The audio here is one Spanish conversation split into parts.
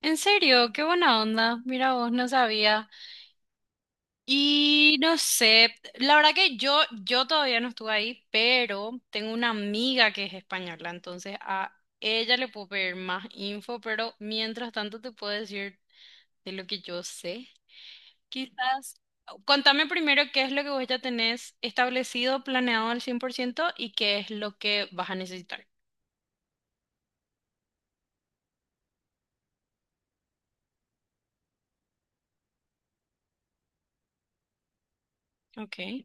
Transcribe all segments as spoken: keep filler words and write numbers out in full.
En serio, qué buena onda. Mira vos, no sabía. Y no sé, la verdad que yo, yo todavía no estuve ahí, pero tengo una amiga que es española, entonces a ella le puedo pedir más info, pero mientras tanto te puedo decir de lo que yo sé. Quizás, contame primero qué es lo que vos ya tenés establecido, planeado al cien por ciento y qué es lo que vas a necesitar. Ok.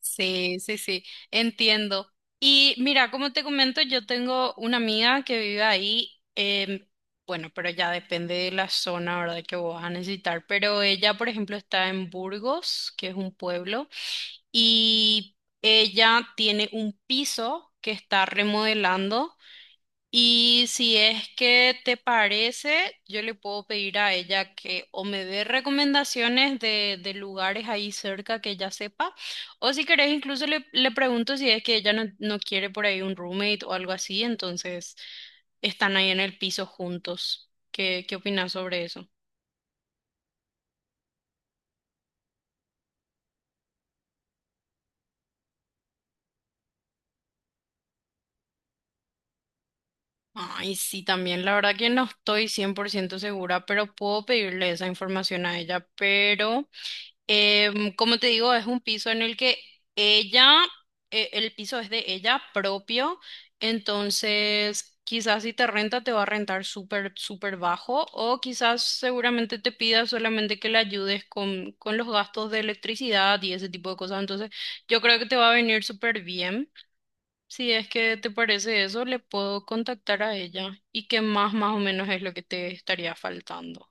Sí, sí, sí, entiendo. Y mira, como te comento, yo tengo una amiga que vive ahí. em, bueno, pero ya depende de la zona, ¿verdad? Que vos vas a necesitar, pero ella, por ejemplo, está en Burgos, que es un pueblo, y ella tiene un piso que está remodelando. Y si es que te parece, yo le puedo pedir a ella que o me dé recomendaciones de, de lugares ahí cerca que ella sepa, o si querés incluso le, le pregunto si es que ella no, no quiere por ahí un roommate o algo así, entonces están ahí en el piso juntos. ¿Qué, qué opinas sobre eso? Ay, sí, también la verdad que no estoy cien por ciento segura, pero puedo pedirle esa información a ella, pero... Em, como te digo, es un piso en el que ella, eh, el piso es de ella propio, entonces quizás si te renta te va a rentar súper, súper bajo o quizás seguramente te pida solamente que le ayudes con, con los gastos de electricidad y ese tipo de cosas, entonces yo creo que te va a venir súper bien. Si es que te parece eso, le puedo contactar a ella y qué más, más o menos es lo que te estaría faltando.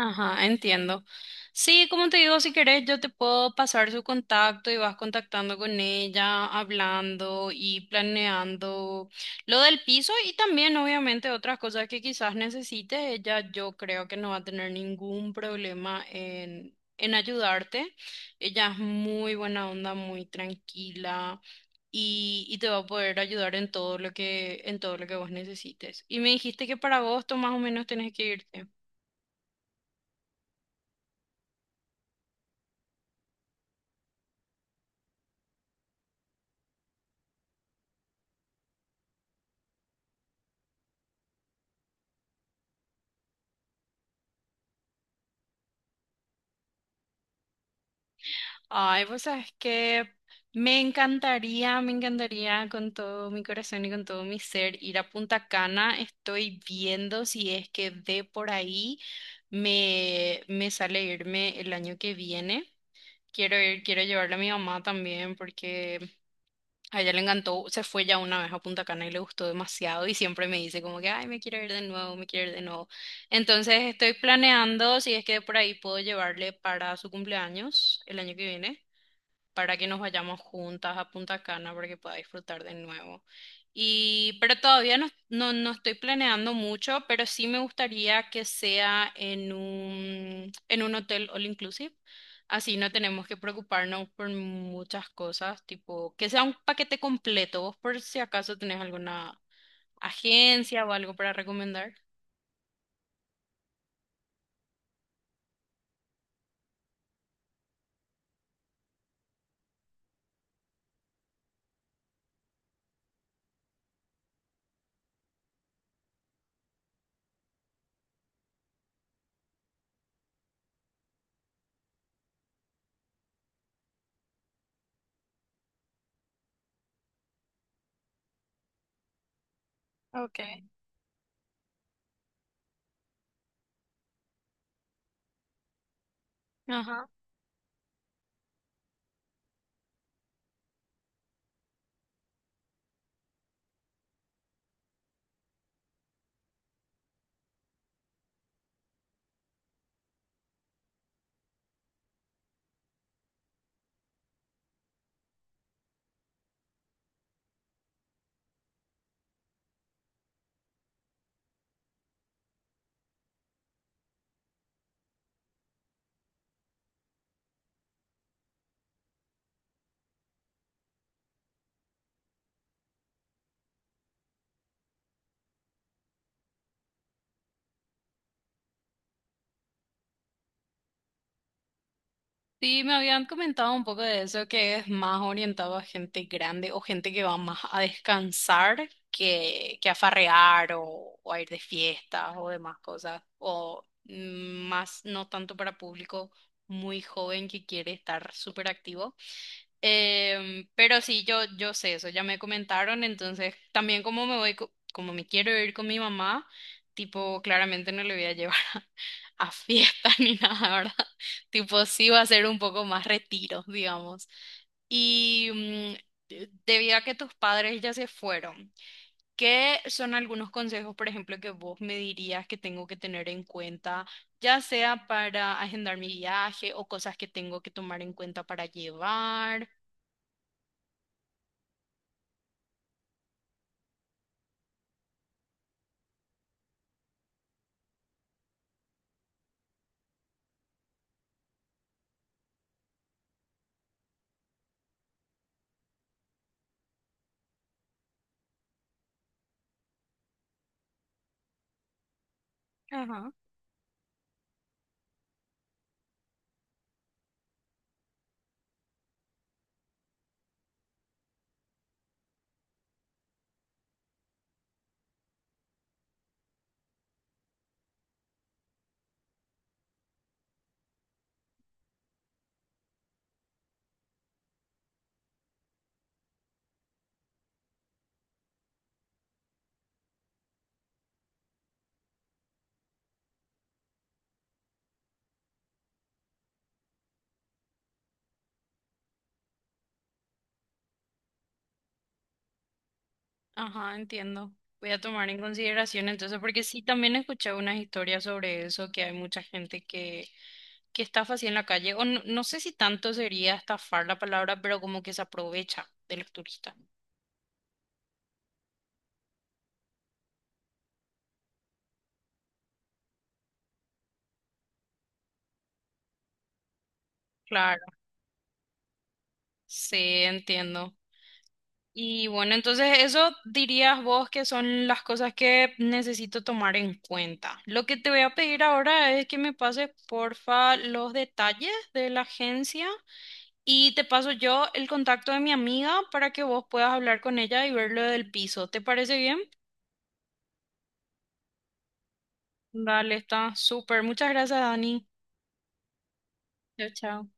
Ajá, entiendo. Sí, como te digo, si querés, yo te puedo pasar su contacto y vas contactando con ella, hablando y planeando lo del piso y también, obviamente, otras cosas que quizás necesite. Ella, yo creo que no va a tener ningún problema en, en ayudarte. Ella es muy buena onda, muy tranquila y, y te va a poder ayudar en todo lo que, en todo lo que vos necesites. Y me dijiste que para agosto más o menos tenés que irte. Ay, pues sabes que me encantaría, me encantaría con todo mi corazón y con todo mi ser ir a Punta Cana. Estoy viendo si es que de por ahí me, me sale irme el año que viene. Quiero ir, quiero llevarle a mi mamá también porque a ella le encantó, se fue ya una vez a Punta Cana y le gustó demasiado y siempre me dice como que, ay, me quiero ir de nuevo, me quiero ir de nuevo. Entonces estoy planeando si es que de por ahí puedo llevarle para su cumpleaños el año que viene para que nos vayamos juntas a Punta Cana para que pueda disfrutar de nuevo. Y, pero todavía no, no, no estoy planeando mucho, pero sí me gustaría que sea en un, en un hotel all inclusive. Así no tenemos que preocuparnos por muchas cosas, tipo que sea un paquete completo. Vos por si acaso tenés alguna agencia o algo para recomendar. Ok. Ajá. Sí, me habían comentado un poco de eso, que es más orientado a gente grande o gente que va más a descansar que, que a farrear o, o a ir de fiestas o demás cosas, o mm, más no tanto para público muy joven que quiere estar súper activo. Em, pero sí, yo, yo sé eso, ya me comentaron, entonces también como me voy, co- como me quiero ir con mi mamá, tipo, claramente no le voy a llevar a, fiesta ni nada, ¿verdad? Tipo, sí va a ser un poco más retiro, digamos. Y mm, de- debido a que tus padres ya se fueron, ¿qué son algunos consejos, por ejemplo, que vos me dirías que tengo que tener en cuenta, ya sea para agendar mi viaje o cosas que tengo que tomar en cuenta para llevar? Ajá, entiendo. Voy a tomar en consideración entonces, porque sí, también escuché unas historias sobre eso, que hay mucha gente que, que estafa así en la calle, o no, no sé si tanto sería estafar la palabra, pero como que se aprovecha de los turistas. Claro. Sí, entiendo. Y bueno, entonces eso dirías vos que son las cosas que necesito tomar en cuenta. Lo que te voy a pedir ahora es que me pases, porfa, los detalles de la agencia y te paso yo el contacto de mi amiga para que vos puedas hablar con ella y ver lo del piso. ¿Te parece bien? Dale, está súper. Muchas gracias, Dani. Chao, chao.